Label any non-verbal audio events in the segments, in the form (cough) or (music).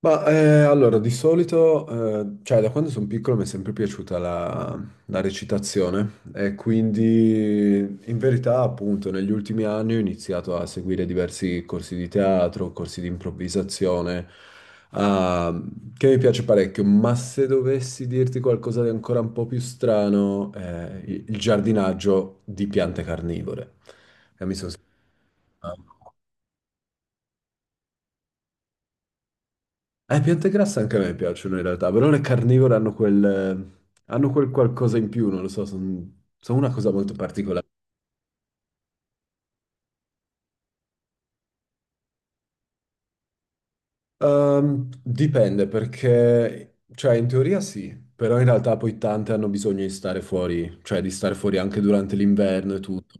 Allora, di solito, cioè da quando sono piccolo mi è sempre piaciuta la recitazione e quindi in verità appunto negli ultimi anni ho iniziato a seguire diversi corsi di teatro, corsi di improvvisazione, ah, che mi piace parecchio, ma se dovessi dirti qualcosa di ancora un po' più strano, il giardinaggio di piante carnivore. E mi sono piante grasse anche a me piacciono in realtà, però le carnivore hanno quel qualcosa in più, non lo so, sono una cosa molto particolare. Dipende perché, cioè in teoria sì, però in realtà poi tante hanno bisogno di stare fuori, cioè di stare fuori anche durante l'inverno e tutto.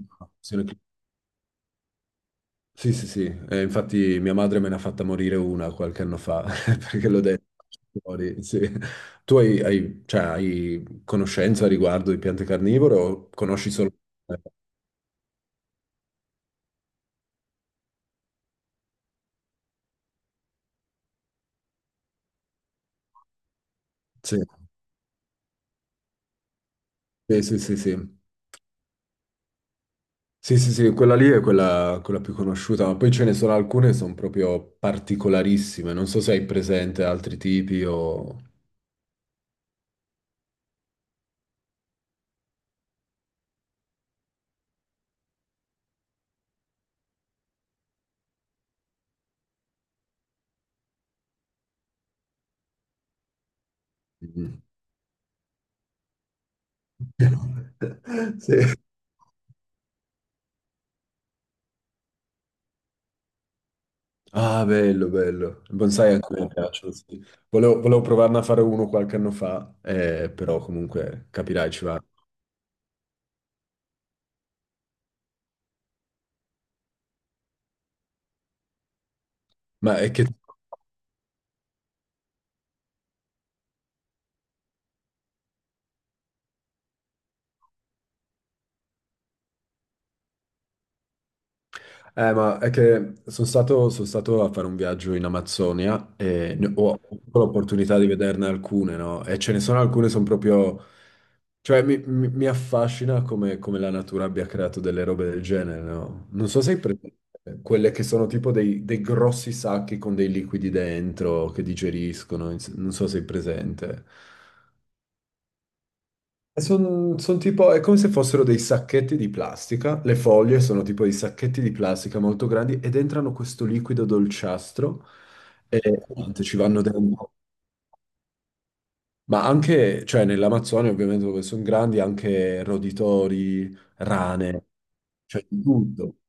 Sì, sì, sì, infatti mia madre me ne ha fatta morire una qualche anno fa, (laughs) perché l'ho detto fuori, sì. Tu cioè, hai conoscenza riguardo di piante carnivore o conosci solo... eh, sì, sì, sì, sì, sì. Sì, sì, sì, quella lì è quella più conosciuta, ma poi ce ne sono alcune che sono proprio particolarissime. Non so se hai presente altri tipi o... Mm. (laughs) Sì. Ah, bello, bello. Il bonsai anche a me piacciono, sì. Volevo provarne a fare uno qualche anno fa, però comunque capirai, ci va. Ma è che... Sono stato a fare un viaggio in Amazzonia e ho avuto l'opportunità di vederne alcune, no? E ce ne sono alcune, sono proprio... Cioè, mi affascina come, come la natura abbia creato delle robe del genere, no? Non so se hai presente quelle che sono tipo dei grossi sacchi con dei liquidi dentro che digeriscono, non so se hai presente. Sono tipo, è come se fossero dei sacchetti di plastica, le foglie sono tipo dei sacchetti di plastica molto grandi ed entrano questo liquido dolciastro e niente, ci vanno dentro. Ma anche, cioè nell'Amazzonia ovviamente dove sono grandi, anche roditori, rane, cioè di tutto.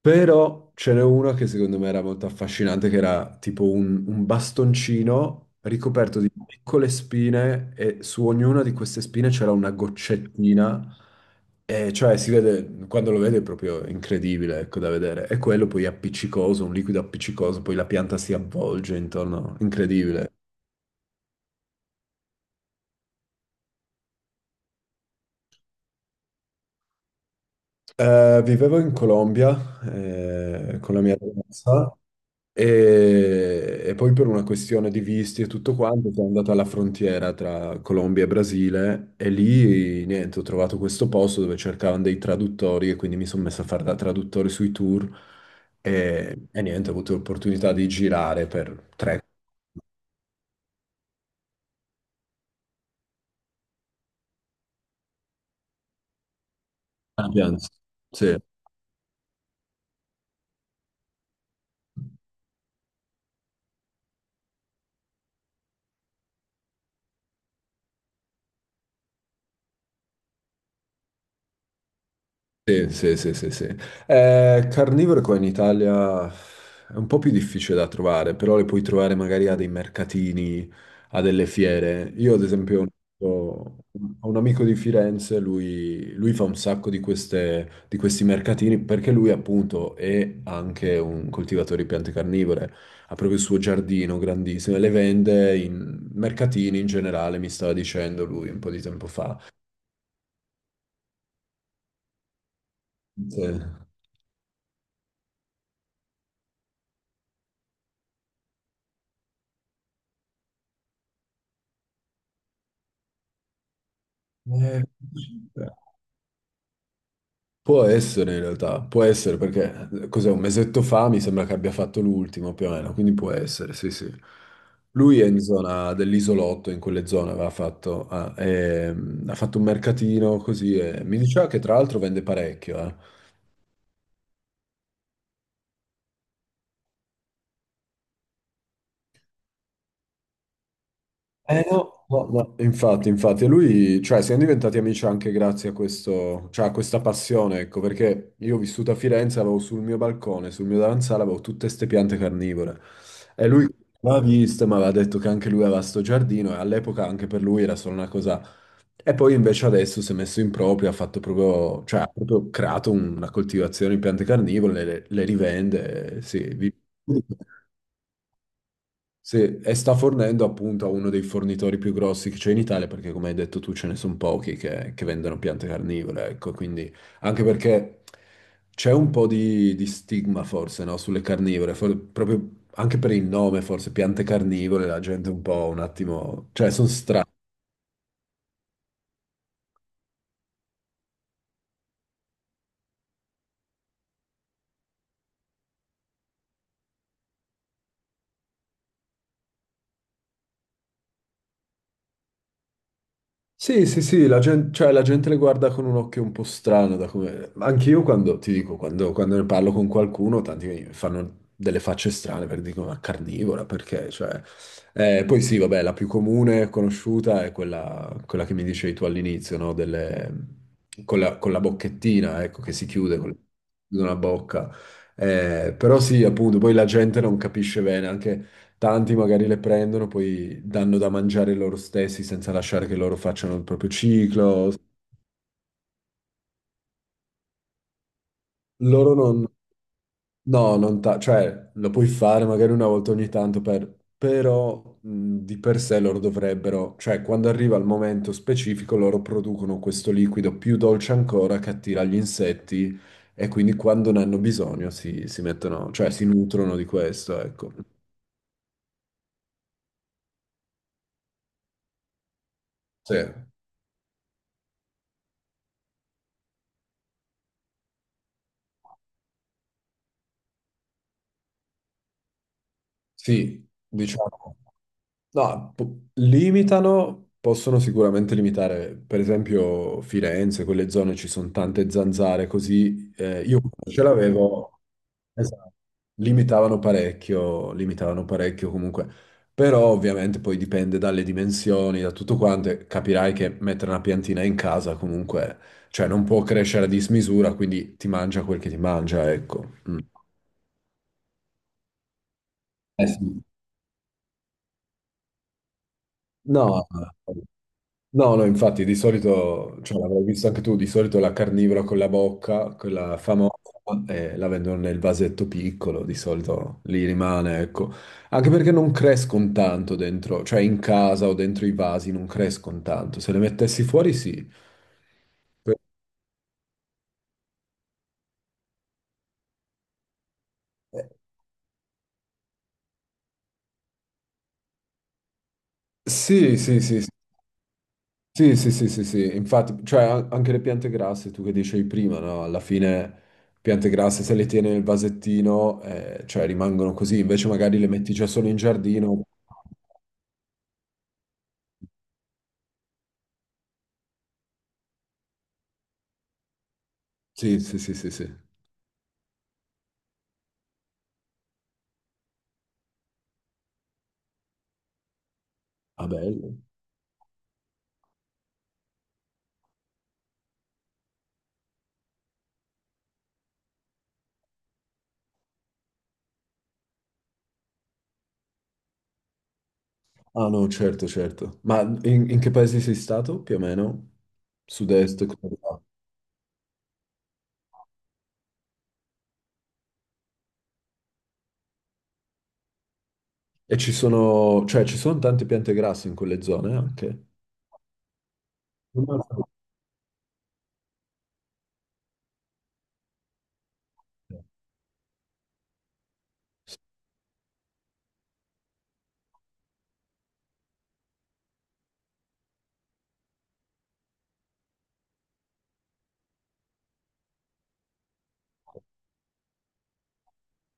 Però ce n'è una che secondo me era molto affascinante, che era tipo un bastoncino ricoperto di piccole spine e su ognuna di queste spine c'era una goccettina. E cioè si vede, quando lo vede è proprio incredibile, ecco, da vedere. E quello poi appiccicoso, un liquido appiccicoso, poi la pianta si avvolge intorno, incredibile. Vivevo in Colombia, con la mia ragazza. E poi per una questione di visti e tutto quanto sono andato alla frontiera tra Colombia e Brasile e lì niente, ho trovato questo posto dove cercavano dei traduttori e quindi mi sono messo a fare da traduttore sui tour e niente, ho avuto l'opportunità di girare per tre. Ah, piano. Sì. Sì, sì, sì, sì, sì. Carnivore qua in Italia è un po' più difficile da trovare, però le puoi trovare magari a dei mercatini, a delle fiere. Io ad esempio ho un amico di Firenze, lui fa un sacco di di questi mercatini perché lui appunto è anche un coltivatore di piante carnivore, ha proprio il suo giardino grandissimo e le vende in mercatini in generale, mi stava dicendo lui un po' di tempo fa. Sì. Eh, può essere in realtà, può essere perché cos'è un mesetto fa mi sembra che abbia fatto l'ultimo più o meno, quindi può essere, sì sì. Lui è in zona dell'isolotto, in quelle zone aveva fatto, ah, ha fatto un mercatino così e mi diceva che tra l'altro vende parecchio, eh. Eh no, no, no, infatti, infatti, e lui, cioè, siamo diventati amici anche grazie a questo, cioè, a questa passione, ecco, perché io ho vissuto a Firenze, avevo sul mio balcone, sul mio davanzale, avevo tutte ste piante carnivore, e lui l'ha vista, ma aveva detto che anche lui aveva sto giardino, e all'epoca anche per lui era solo una cosa, e poi invece adesso si è messo in proprio, ha fatto proprio, cioè, ha proprio creato una coltivazione di piante carnivore, le rivende, sì, vi- sì, e sta fornendo appunto a uno dei fornitori più grossi che c'è in Italia, perché come hai detto tu ce ne sono pochi che vendono piante carnivore, ecco, quindi anche perché c'è un po' di stigma forse, no, sulle carnivore, proprio anche per il nome forse, piante carnivore, la gente un po' un attimo, cioè sono. Sì, sì, sì, la gente, cioè, la gente le guarda con un occhio un po' strano, da come... Anche io quando, ti dico, quando ne parlo con qualcuno, tanti mi fanno delle facce strane per dico, ma carnivora, perché? Cioè, poi sì, vabbè, la più comune, conosciuta, è quella, quella che mi dicevi tu all'inizio, no? Con la bocchettina, ecco, che si chiude con la bocca. Però sì, appunto, poi la gente non capisce bene, anche... Tanti magari le prendono, poi danno da mangiare loro stessi senza lasciare che loro facciano il proprio ciclo. Loro non, no, non ta- cioè lo puoi fare magari una volta ogni tanto, però di per sé loro dovrebbero, cioè quando arriva il momento specifico loro producono questo liquido più dolce ancora che attira gli insetti e quindi quando ne hanno bisogno si mettono, cioè si nutrono di questo, ecco. Sì, sì, diciamo. No, limitano, possono sicuramente limitare, per esempio Firenze, quelle zone ci sono tante zanzare, così io quando ce l'avevo, esatto, limitavano parecchio comunque, però ovviamente poi dipende dalle dimensioni, da tutto quanto, e capirai che mettere una piantina in casa comunque, cioè non può crescere a dismisura, quindi ti mangia quel che ti mangia, ecco. Mm. Eh sì. No. No, no, infatti di solito, cioè l'avrai visto anche tu, di solito la carnivora con la bocca, quella famosa, la vendono nel vasetto piccolo, di solito lì rimane, ecco. Anche perché non crescono tanto dentro, cioè in casa o dentro i vasi non crescono tanto. Se le mettessi fuori sì. Eh, sì, sì, sì, sì. Sì, sì, sì, sì, sì, infatti, cioè anche le piante grasse, tu che dicevi prima, no? Alla fine piante grasse se le tieni nel vasettino, cioè rimangono così, invece magari le metti già solo in giardino. Sì, sì, sì, sì, sì. Ah, bello. Ah, no, certo, certo. Ma in che paese sei stato, più o meno? Sud-est, come va? E ci sono, cioè ci sono tante piante grasse in quelle zone anche? Non me lo sapevo.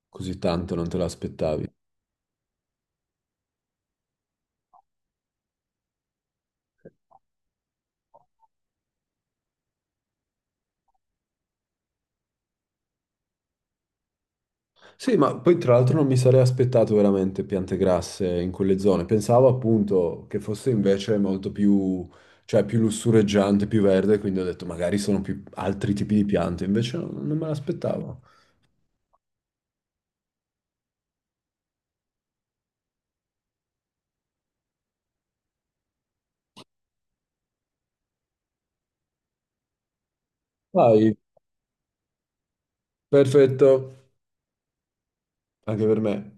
Così tanto non te l'aspettavi. Sì, ma poi tra l'altro non mi sarei aspettato veramente piante grasse in quelle zone. Pensavo appunto che fosse invece molto più, cioè più lussureggiante, più verde, quindi ho detto magari sono più altri tipi di piante, invece no, non me l'aspettavo. Vai, perfetto, anche per me.